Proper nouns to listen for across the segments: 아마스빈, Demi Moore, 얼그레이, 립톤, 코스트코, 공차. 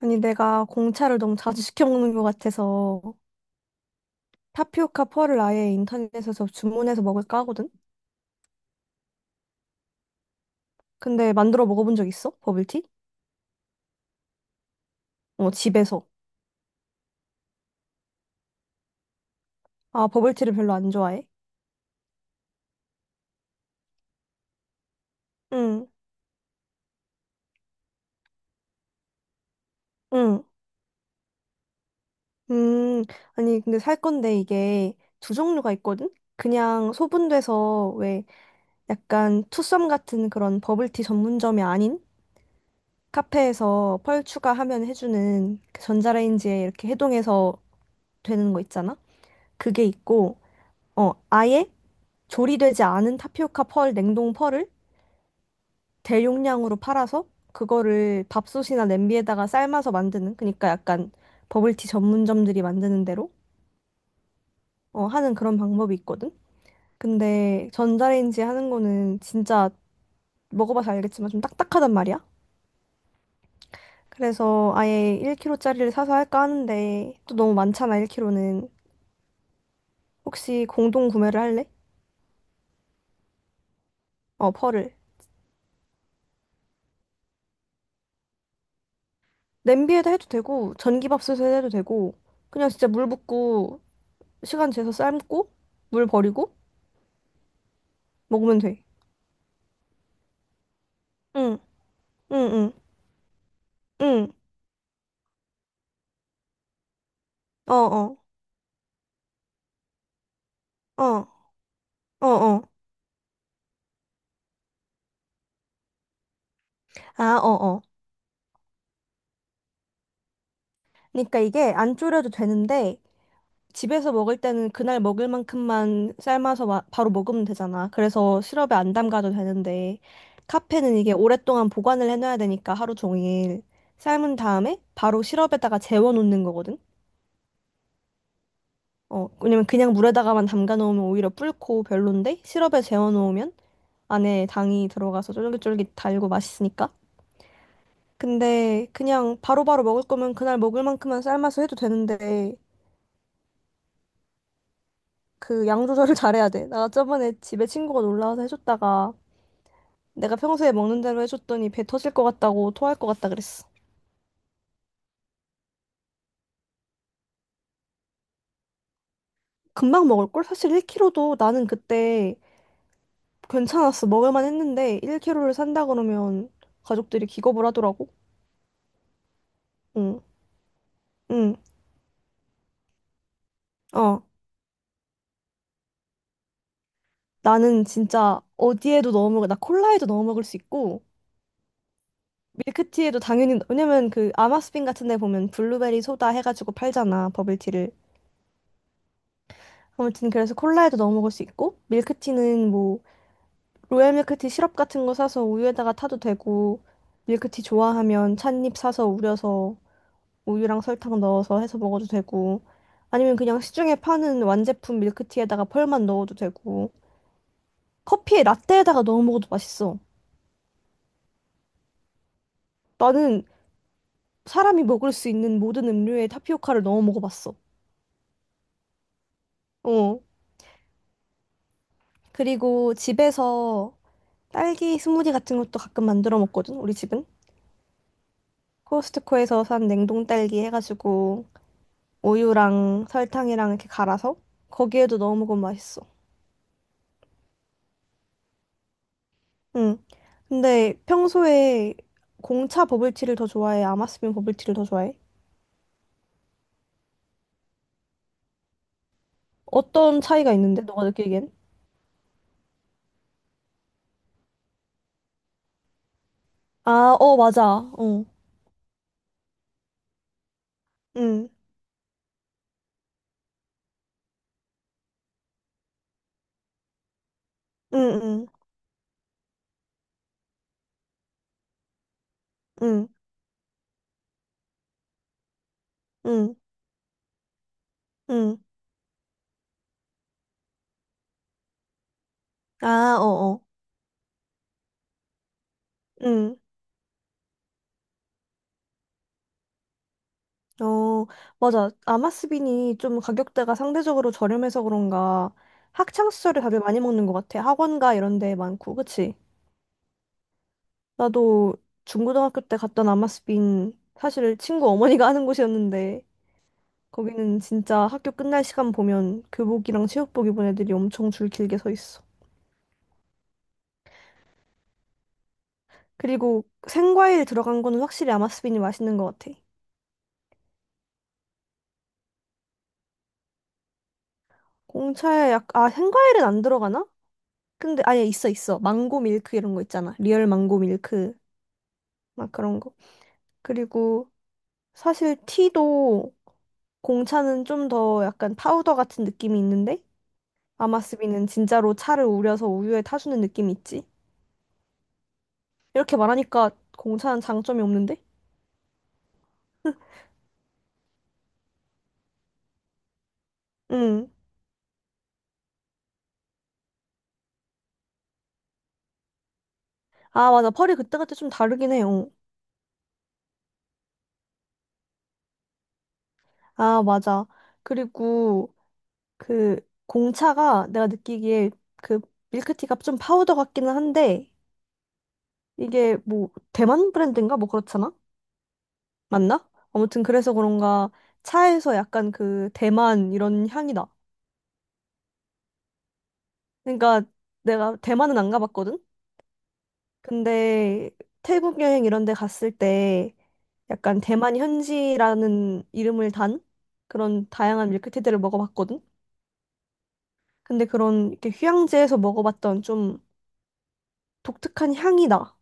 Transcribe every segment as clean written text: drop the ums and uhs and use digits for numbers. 아니, 내가 공차를 너무 자주 시켜 먹는 것 같아서 타피오카 펄을 아예 인터넷에서 주문해서 먹을까 하거든? 근데 만들어 먹어본 적 있어? 버블티? 어, 집에서. 아, 버블티를 별로 안 좋아해? 응, 응, 음. 아니, 근데 살 건데 이게 두 종류가 있거든? 그냥 소분돼서 왜 약간 투썸 같은 그런 버블티 전문점이 아닌 카페에서 펄 추가하면 해주는 그 전자레인지에 이렇게 해동해서 되는 거 있잖아? 그게 있고, 어, 아예 조리되지 않은 타피오카 펄, 냉동 펄을 대용량으로 팔아서 그거를 밥솥이나 냄비에다가 삶아서 만드는, 그러니까 약간 버블티 전문점들이 만드는 대로 어, 하는 그런 방법이 있거든. 근데 전자레인지 하는 거는 진짜 먹어봐서 알겠지만 좀 딱딱하단 말이야. 그래서 아예 1kg짜리를 사서 할까 하는데 또 너무 많잖아, 1kg는. 혹시 공동 구매를 할래? 어, 펄을. 냄비에다 해도 되고 전기밥솥에 해도 되고 그냥 진짜 물 붓고 시간 재서 삶고 물 버리고 먹으면 돼. 응, 응, 응, 응. 어, 어, 어, 어, 어. 아, 어, 어. 그러니까 이게 안 졸여도 되는데 집에서 먹을 때는 그날 먹을 만큼만 삶아서 바로 먹으면 되잖아. 그래서 시럽에 안 담가도 되는데 카페는 이게 오랫동안 보관을 해놔야 되니까 하루 종일 삶은 다음에 바로 시럽에다가 재워놓는 거거든. 어, 왜냐면 그냥 물에다가만 담가 놓으면 오히려 불고 별론데 시럽에 재워 놓으면 안에 당이 들어가서 쫄깃쫄깃 달고 맛있으니까. 근데 그냥 바로바로 먹을 거면 그날 먹을 만큼만 삶아서 해도 되는데 그 양 조절을 잘해야 돼. 나 저번에 집에 친구가 놀라서 해줬다가 내가 평소에 먹는 대로 해줬더니 배 터질 것 같다고 토할 것 같다 그랬어. 금방 먹을걸? 사실 1kg도 나는 그때 괜찮았어. 먹을만 했는데 1kg를 산다 그러면 가족들이 기겁을 하더라고. 응, 응, 어. 나는 진짜 어디에도 넣어 먹을, 나 콜라에도 넣어 먹을 수 있고, 밀크티에도 당연히 왜냐면 그 아마스빈 같은 데 보면 블루베리 소다 해가지고 팔잖아 버블티를. 아무튼 그래서 콜라에도 넣어 먹을 수 있고 밀크티는 뭐 로얄 밀크티 시럽 같은 거 사서 우유에다가 타도 되고 밀크티 좋아하면 찻잎 사서 우려서 우유랑 설탕 넣어서 해서 먹어도 되고 아니면 그냥 시중에 파는 완제품 밀크티에다가 펄만 넣어도 되고 커피에 라떼에다가 넣어 먹어도 맛있어. 나는 사람이 먹을 수 있는 모든 음료에 타피오카를 넣어 먹어봤어. 어. 그리고 집에서 딸기 스무디 같은 것도 가끔 만들어 먹거든, 우리 집은. 코스트코에서 산 냉동 딸기 해가지고 우유랑 설탕이랑 이렇게 갈아서 거기에도 넣어 먹으면 맛있어. 응. 근데 평소에 공차 버블티를 더 좋아해? 아마스빈 버블티를 더 좋아해? 어떤 차이가 있는데, 너가 느끼기엔? 아, 어, 맞아. 어. 응. 응, 응, 응, 응, 응. 아, 어, 어. 응. 어, 맞아. 아마스빈이 좀 가격대가 상대적으로 저렴해서 그런가 학창 시절에 밥을 많이 먹는 것 같아. 학원가 이런 데 많고, 그치? 나도 중고등학교 때 갔던 아마스빈 사실 친구 어머니가 하는 곳이었는데 거기는 진짜 학교 끝날 시간 보면 교복이랑 체육복 입은 애들이 엄청 줄 길게 서 있어. 그리고 생과일 들어간 거는 확실히 아마스빈이 맛있는 것 같아. 공차에 아, 생과일은 안 들어가나? 근데 아예 있어 있어. 망고 밀크 이런 거 있잖아. 리얼 망고 밀크. 막 그런 거. 그리고 사실 티도 공차는 좀 더 약간 파우더 같은 느낌이 있는데 아마스비는 진짜로 차를 우려서 우유에 타주는 느낌이 있지. 이렇게 말하니까 공차는 장점이 없는데? 응. 아, 맞아. 펄이 그때그때 좀 다르긴 해요. 아, 맞아. 그리고 그 공차가 내가 느끼기에 그 밀크티가 좀 파우더 같기는 한데 이게 뭐 대만 브랜드인가? 뭐 그렇잖아? 맞나? 아무튼 그래서 그런가 차에서 약간 그 대만 이런 향이 나. 그러니까 내가 대만은 안 가봤거든? 근데 태국 여행 이런 데 갔을 때 약간 대만 현지라는 이름을 단 그런 다양한 밀크티들을 먹어봤거든? 근데 그런 이렇게 휴양지에서 먹어봤던 좀 독특한 향이 나.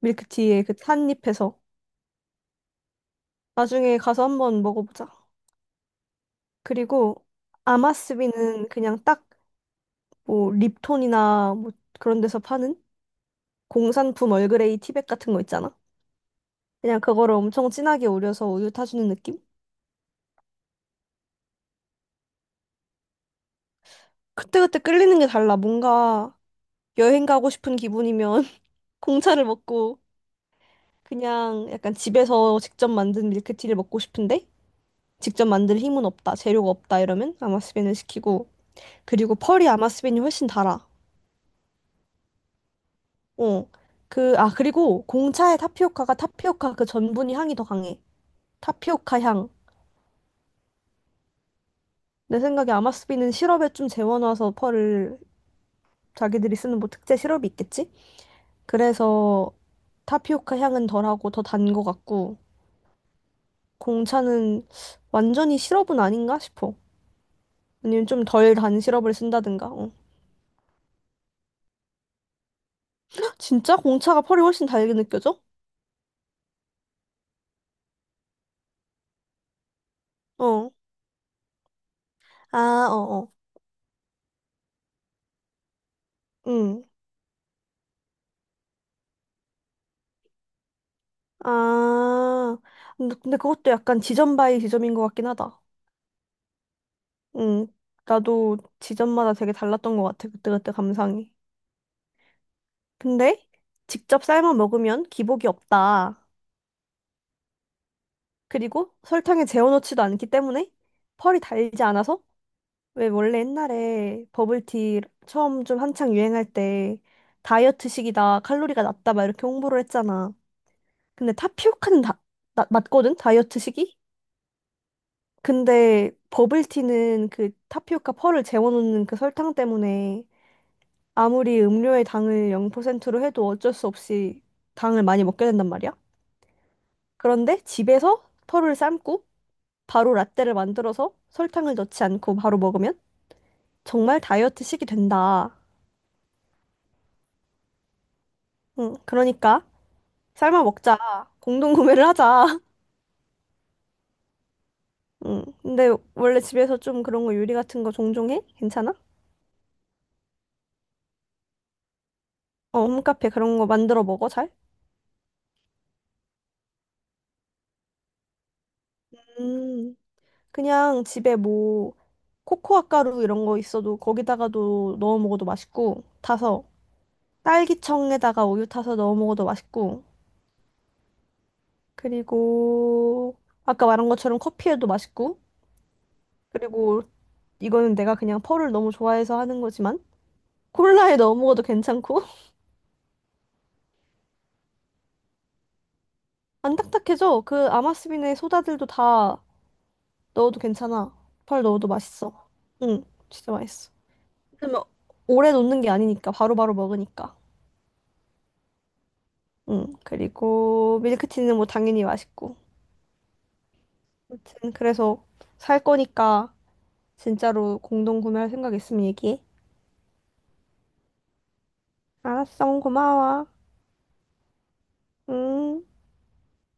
밀크티의 그 산잎에서. 나중에 가서 한번 먹어보자. 그리고 아마스비는 그냥 딱 뭐 립톤이나 뭐 그런 데서 파는 공산품 얼그레이 티백 같은 거 있잖아. 그냥 그거를 엄청 진하게 우려서 우유 타주는 느낌? 그때그때 끌리는 게 달라. 뭔가 여행 가고 싶은 기분이면 공차를 먹고 그냥 약간 집에서 직접 만든 밀크티를 먹고 싶은데 직접 만들 힘은 없다, 재료가 없다 이러면 아마스빈을 시키고 그리고 펄이 아마스빈이 훨씬 달아. 어. 아, 그리고 공차의 타피오카가 타피오카 그 전분이 향이 더 강해. 타피오카 향. 내 생각에 아마스빈은 시럽에 좀 재워놔서 펄을 자기들이 쓰는 뭐 특제 시럽이 있겠지? 그래서 타피오카 향은 덜하고 더 단 거 같고 공차는 완전히 시럽은 아닌가 싶어. 아니면 좀 덜 단 시럽을 쓴다든가. 어. 헉, 진짜 공차가 펄이 훨씬 달게 느껴져? 어. 아, 어, 어. 응. 아. 근데 그것도 약간 지점 바이 지점인 것 같긴 하다. 응. 나도 지점마다 되게 달랐던 것 같아. 그때그때 감상이. 근데 직접 삶아 먹으면 기복이 없다. 그리고 설탕에 재워놓지도 않기 때문에 펄이 달지 않아서 왜 원래 옛날에 버블티 처음 좀 한창 유행할 때 다이어트식이다 칼로리가 낮다 막 이렇게 홍보를 했잖아. 근데 타피오카는 다, 낮거든 다이어트식이. 근데 버블티는 그 타피오카 펄을 재워놓는 그 설탕 때문에 아무리 음료의 당을 0%로 해도 어쩔 수 없이 당을 많이 먹게 된단 말이야. 그런데 집에서 펄을 삶고 바로 라떼를 만들어서 설탕을 넣지 않고 바로 먹으면 정말 다이어트식이 된다. 응, 그러니까 삶아 먹자. 공동 구매를 하자. 응, 근데 원래 집에서 좀 그런 거 요리 같은 거 종종 해? 괜찮아? 어, 홈카페 그런 거 만들어 먹어, 잘? 음, 그냥 집에 뭐 코코아 가루 이런 거 있어도 거기다가도 넣어 먹어도 맛있고 타서 딸기청에다가 우유 타서 넣어 먹어도 맛있고 그리고 아까 말한 것처럼 커피에도 맛있고 그리고 이거는 내가 그냥 펄을 너무 좋아해서 하는 거지만 콜라에 넣어 먹어도 괜찮고. 안 딱딱해져. 그 아마스빈의 소다들도 다 넣어도 괜찮아. 펄 넣어도 맛있어. 응, 진짜 맛있어. 그러면 오래 놓는 게 아니니까 바로바로 먹으니까. 응, 그리고 밀크티는 뭐 당연히 맛있고. 아무튼 그래서 살 거니까 진짜로 공동 구매할 생각 있으면 얘기해. 알았어, 고마워. 응.